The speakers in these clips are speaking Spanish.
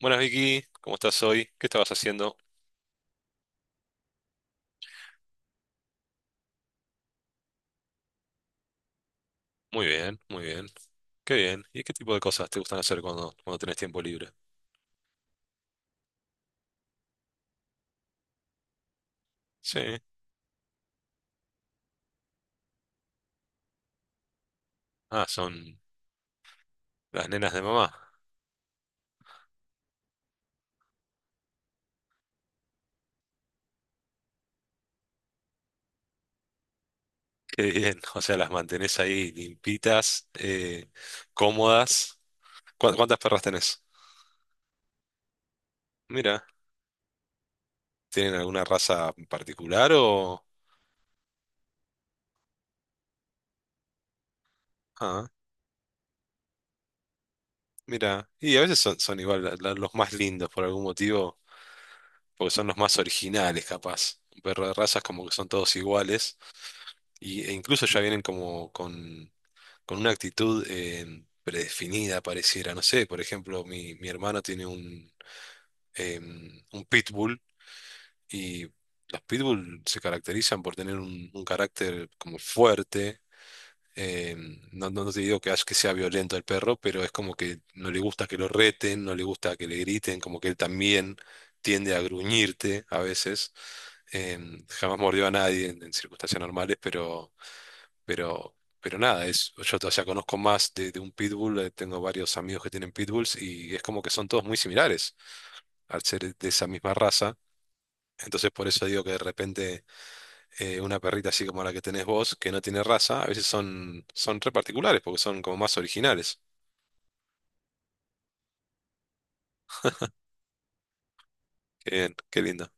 Buenas Vicky, ¿cómo estás hoy? ¿Qué estabas haciendo? Muy bien, muy bien. Qué bien. ¿Y qué tipo de cosas te gustan hacer cuando, tenés tiempo libre? Sí. Ah, son las nenas de mamá. Qué bien. O sea, las mantenés ahí limpitas, cómodas. ¿¿Cuántas perras tenés? Mira, ¿tienen alguna raza en particular o...? Ah, mira. Y a veces son, son igual los más lindos por algún motivo, porque son los más originales, capaz. Un perro de razas como que son todos iguales. E incluso ya vienen como con una actitud predefinida, pareciera. No sé, por ejemplo, mi hermano tiene un pitbull y los pitbull se caracterizan por tener un carácter como fuerte. No te digo que sea violento el perro, pero es como que no le gusta que lo reten, no le gusta que le griten, como que él también tiende a gruñirte a veces. Jamás mordió a nadie en circunstancias normales, pero... pero nada, es, yo todavía conozco más de un pitbull, tengo varios amigos que tienen pitbulls y es como que son todos muy similares al ser de esa misma raza. Entonces por eso digo que de repente una perrita así como la que tenés vos, que no tiene raza, a veces son, son re particulares porque son como más originales. Qué bien, qué lindo.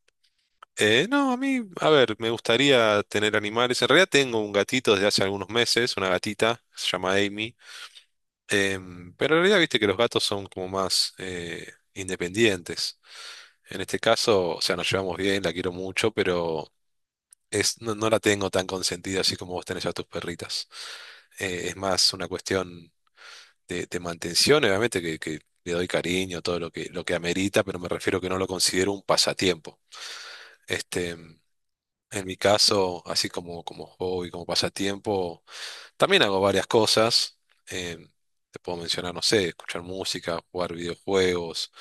No, a mí, a ver, me gustaría tener animales. En realidad tengo un gatito desde hace algunos meses, una gatita, se llama Amy. Pero en realidad viste que los gatos son como más independientes. En este caso, o sea, nos llevamos bien, la quiero mucho, pero es, no, no la tengo tan consentida así como vos tenés a tus perritas. Es más una cuestión de mantención, obviamente, que le doy cariño, todo lo que amerita, pero me refiero que no lo considero un pasatiempo. Este, en mi caso, así como, como hobby, como pasatiempo. También hago varias cosas. em, Te puedo mencionar, no sé, escuchar música, jugar videojuegos.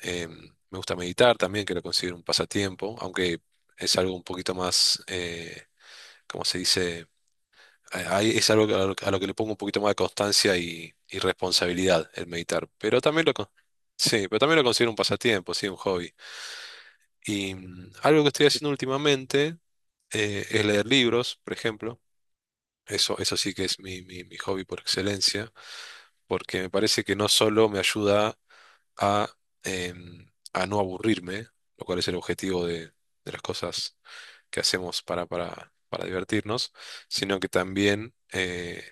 em, Me gusta meditar también, que lo considero un pasatiempo, aunque es algo un poquito más, ¿cómo se dice? A- ahí Es algo a lo que le pongo un poquito más de constancia y responsabilidad el meditar. Pero también sí, pero también lo considero un pasatiempo, sí, un hobby. Algo que estoy haciendo últimamente es leer libros, por ejemplo. Eso sí que es mi hobby por excelencia. Porque me parece que no solo me ayuda a, a no aburrirme, lo cual es el objetivo de las cosas que hacemos para divertirnos, sino que también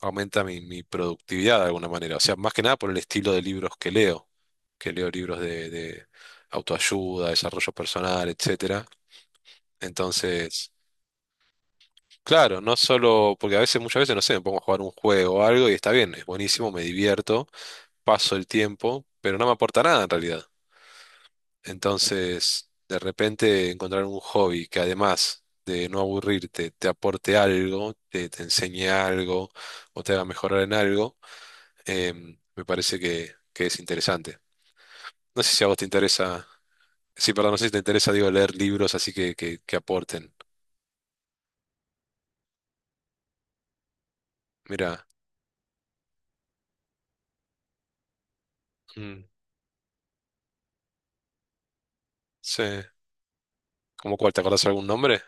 aumenta mi productividad de alguna manera. O sea, más que nada por el estilo de libros que leo libros de autoayuda, desarrollo personal, etcétera. Entonces... Claro, no solo, porque a veces, muchas veces, no sé, me pongo a jugar un juego o algo y está bien, es buenísimo, me divierto, paso el tiempo, pero no me aporta nada en realidad. Entonces, de repente encontrar un hobby que además de no aburrirte, te aporte algo, te enseñe algo o te haga mejorar en algo, me parece que es interesante. No sé si a vos te interesa, sí, perdón, no sé si te interesa, digo, leer libros así que aporten. Mira, mm, sé, ¿cómo cuál? ¿Te acordás algún nombre?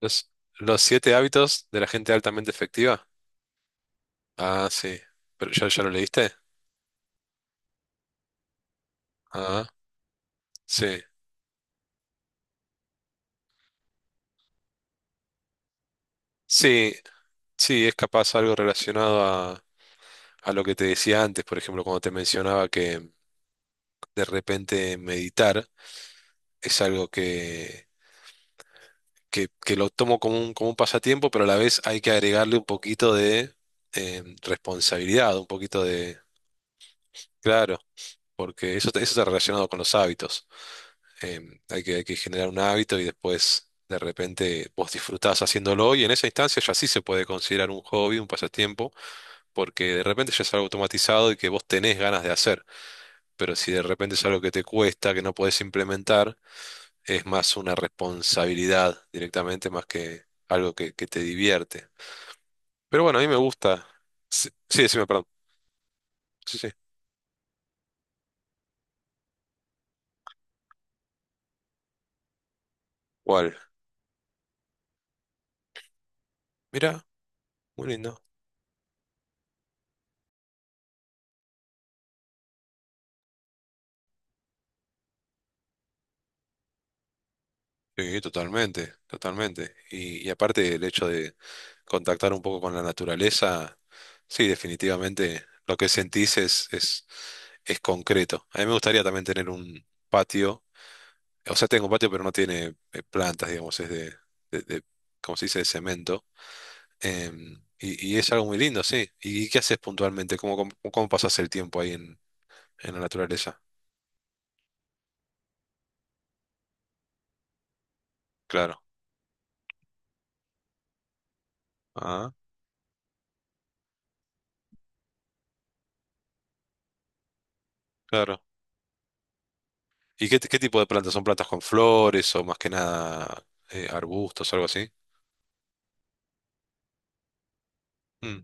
Los, los siete hábitos de la gente altamente efectiva. Ah, sí. ¿Pero ya, ya lo leíste? Ah, sí, sí, sí, es capaz algo relacionado a lo que te decía antes, por ejemplo, cuando te mencionaba que de repente meditar es algo que lo tomo como como un pasatiempo, pero a la vez hay que agregarle un poquito de responsabilidad, un poquito de, claro, porque eso, eso está relacionado con los hábitos. Em, hay que generar un hábito y después de repente vos disfrutás haciéndolo y en esa instancia ya sí se puede considerar un hobby, un pasatiempo porque de repente ya es algo automatizado y que vos tenés ganas de hacer, pero si de repente es algo que te cuesta, que no podés implementar, es más una responsabilidad directamente más que algo que te divierte. Pero bueno, a mí me gusta. Sí, sí, decime, perdón. Sí, sí. ¿Cuál? Mira, muy lindo. Sí, totalmente, totalmente. Y aparte el hecho de contactar un poco con la naturaleza, sí, definitivamente lo que sentís es concreto. A mí me gustaría también tener un patio. O sea, tengo un patio, pero no tiene plantas, digamos, es de, ¿cómo se dice?, de cemento. Y es algo muy lindo, sí. ¿Y qué haces puntualmente? Cómo pasas el tiempo ahí en la naturaleza? Claro. Ah, claro. ¿Y qué tipo de plantas? ¿Son plantas con flores o más que nada arbustos, algo así? Mm,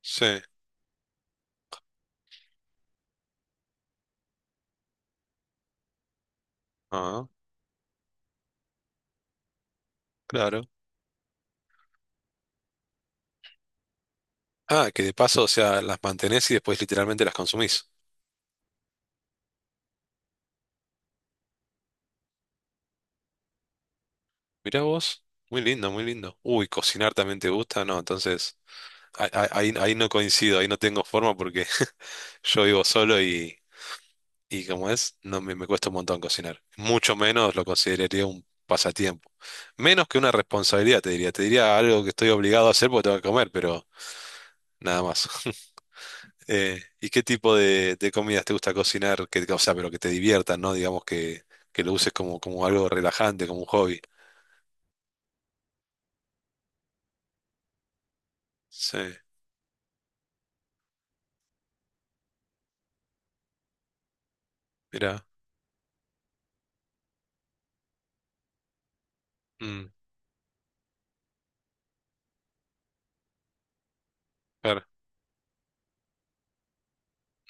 sí. Ah, claro. Ah, que de paso, o sea, las mantenés y después literalmente las consumís. Mirá vos. Muy lindo, muy lindo. Uy, cocinar también te gusta, ¿no? Entonces... Ahí, ahí no coincido, ahí no tengo forma porque yo vivo solo y como es, no me, me cuesta un montón cocinar. Mucho menos lo consideraría un pasatiempo. Menos que una responsabilidad, te diría. Te diría algo que estoy obligado a hacer porque tengo que comer, pero nada más. ¿Y qué tipo de comidas te gusta cocinar? Que, o sea, pero que te diviertan, ¿no? Digamos que lo uses como, como algo relajante, como un hobby. Sí, mira. Mm, claro.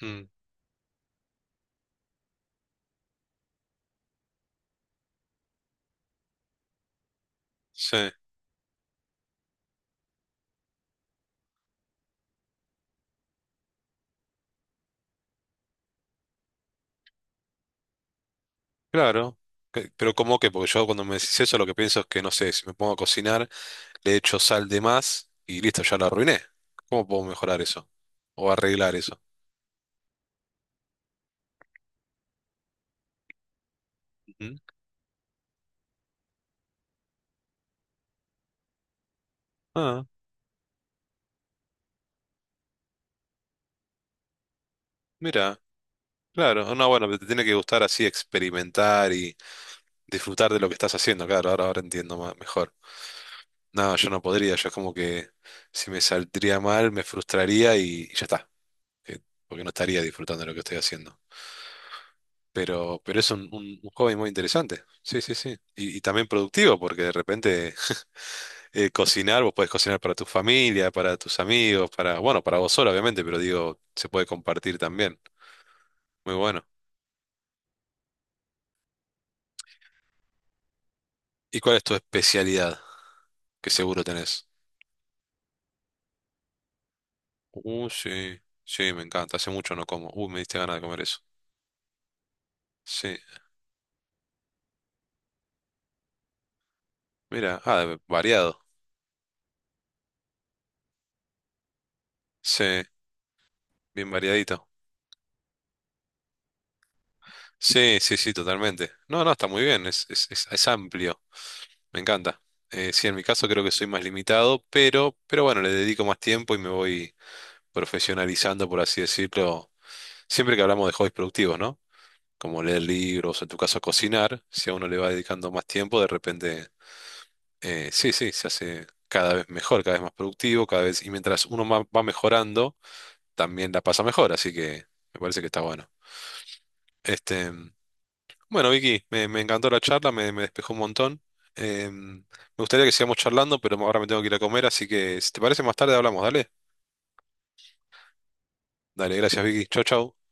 Mm, sí. Claro, pero ¿cómo que? Porque yo cuando me decís eso lo que pienso es que, no sé, si me pongo a cocinar, le echo sal de más y listo, ya la arruiné. ¿Cómo puedo mejorar eso? O arreglar eso. Ujú. Ah, mira, claro, no, bueno, te tiene que gustar así experimentar y disfrutar de lo que estás haciendo, claro, ahora, ahora entiendo mejor. No, yo no podría, yo es como que si me saldría mal me frustraría y ya está, eh, porque no estaría disfrutando de lo que estoy haciendo. Pero es un hobby muy interesante. Sí, sí, sí. Y también productivo, porque de repente cocinar, vos podés cocinar para tu familia, para tus amigos, para, bueno, para vos solo, obviamente, pero digo, se puede compartir también. Muy bueno. ¿Y cuál es tu especialidad? Que seguro tenés. Sí, sí, me encanta. Hace mucho no como. Me diste ganas de comer eso. Sí. Mira, variado. Sí, bien variadito. Sí, sí, sí, totalmente. No, no, está muy bien. Es amplio. Me encanta. Sí, en mi caso creo que soy más limitado, pero bueno, le dedico más tiempo y me voy profesionalizando, por así decirlo, siempre que hablamos de hobbies productivos, ¿no? Como leer libros, en tu caso cocinar, si a uno le va dedicando más tiempo, de repente, sí, sí, se hace cada vez mejor, cada vez más productivo, cada vez, y mientras va mejorando, también la pasa mejor, así que me parece que está bueno. Este, bueno, Vicky, me encantó la charla, me despejó un montón. Me gustaría que sigamos charlando, pero ahora me tengo que ir a comer, así que si te parece más tarde hablamos, dale. Dale, gracias, Vicky. Chau, chau.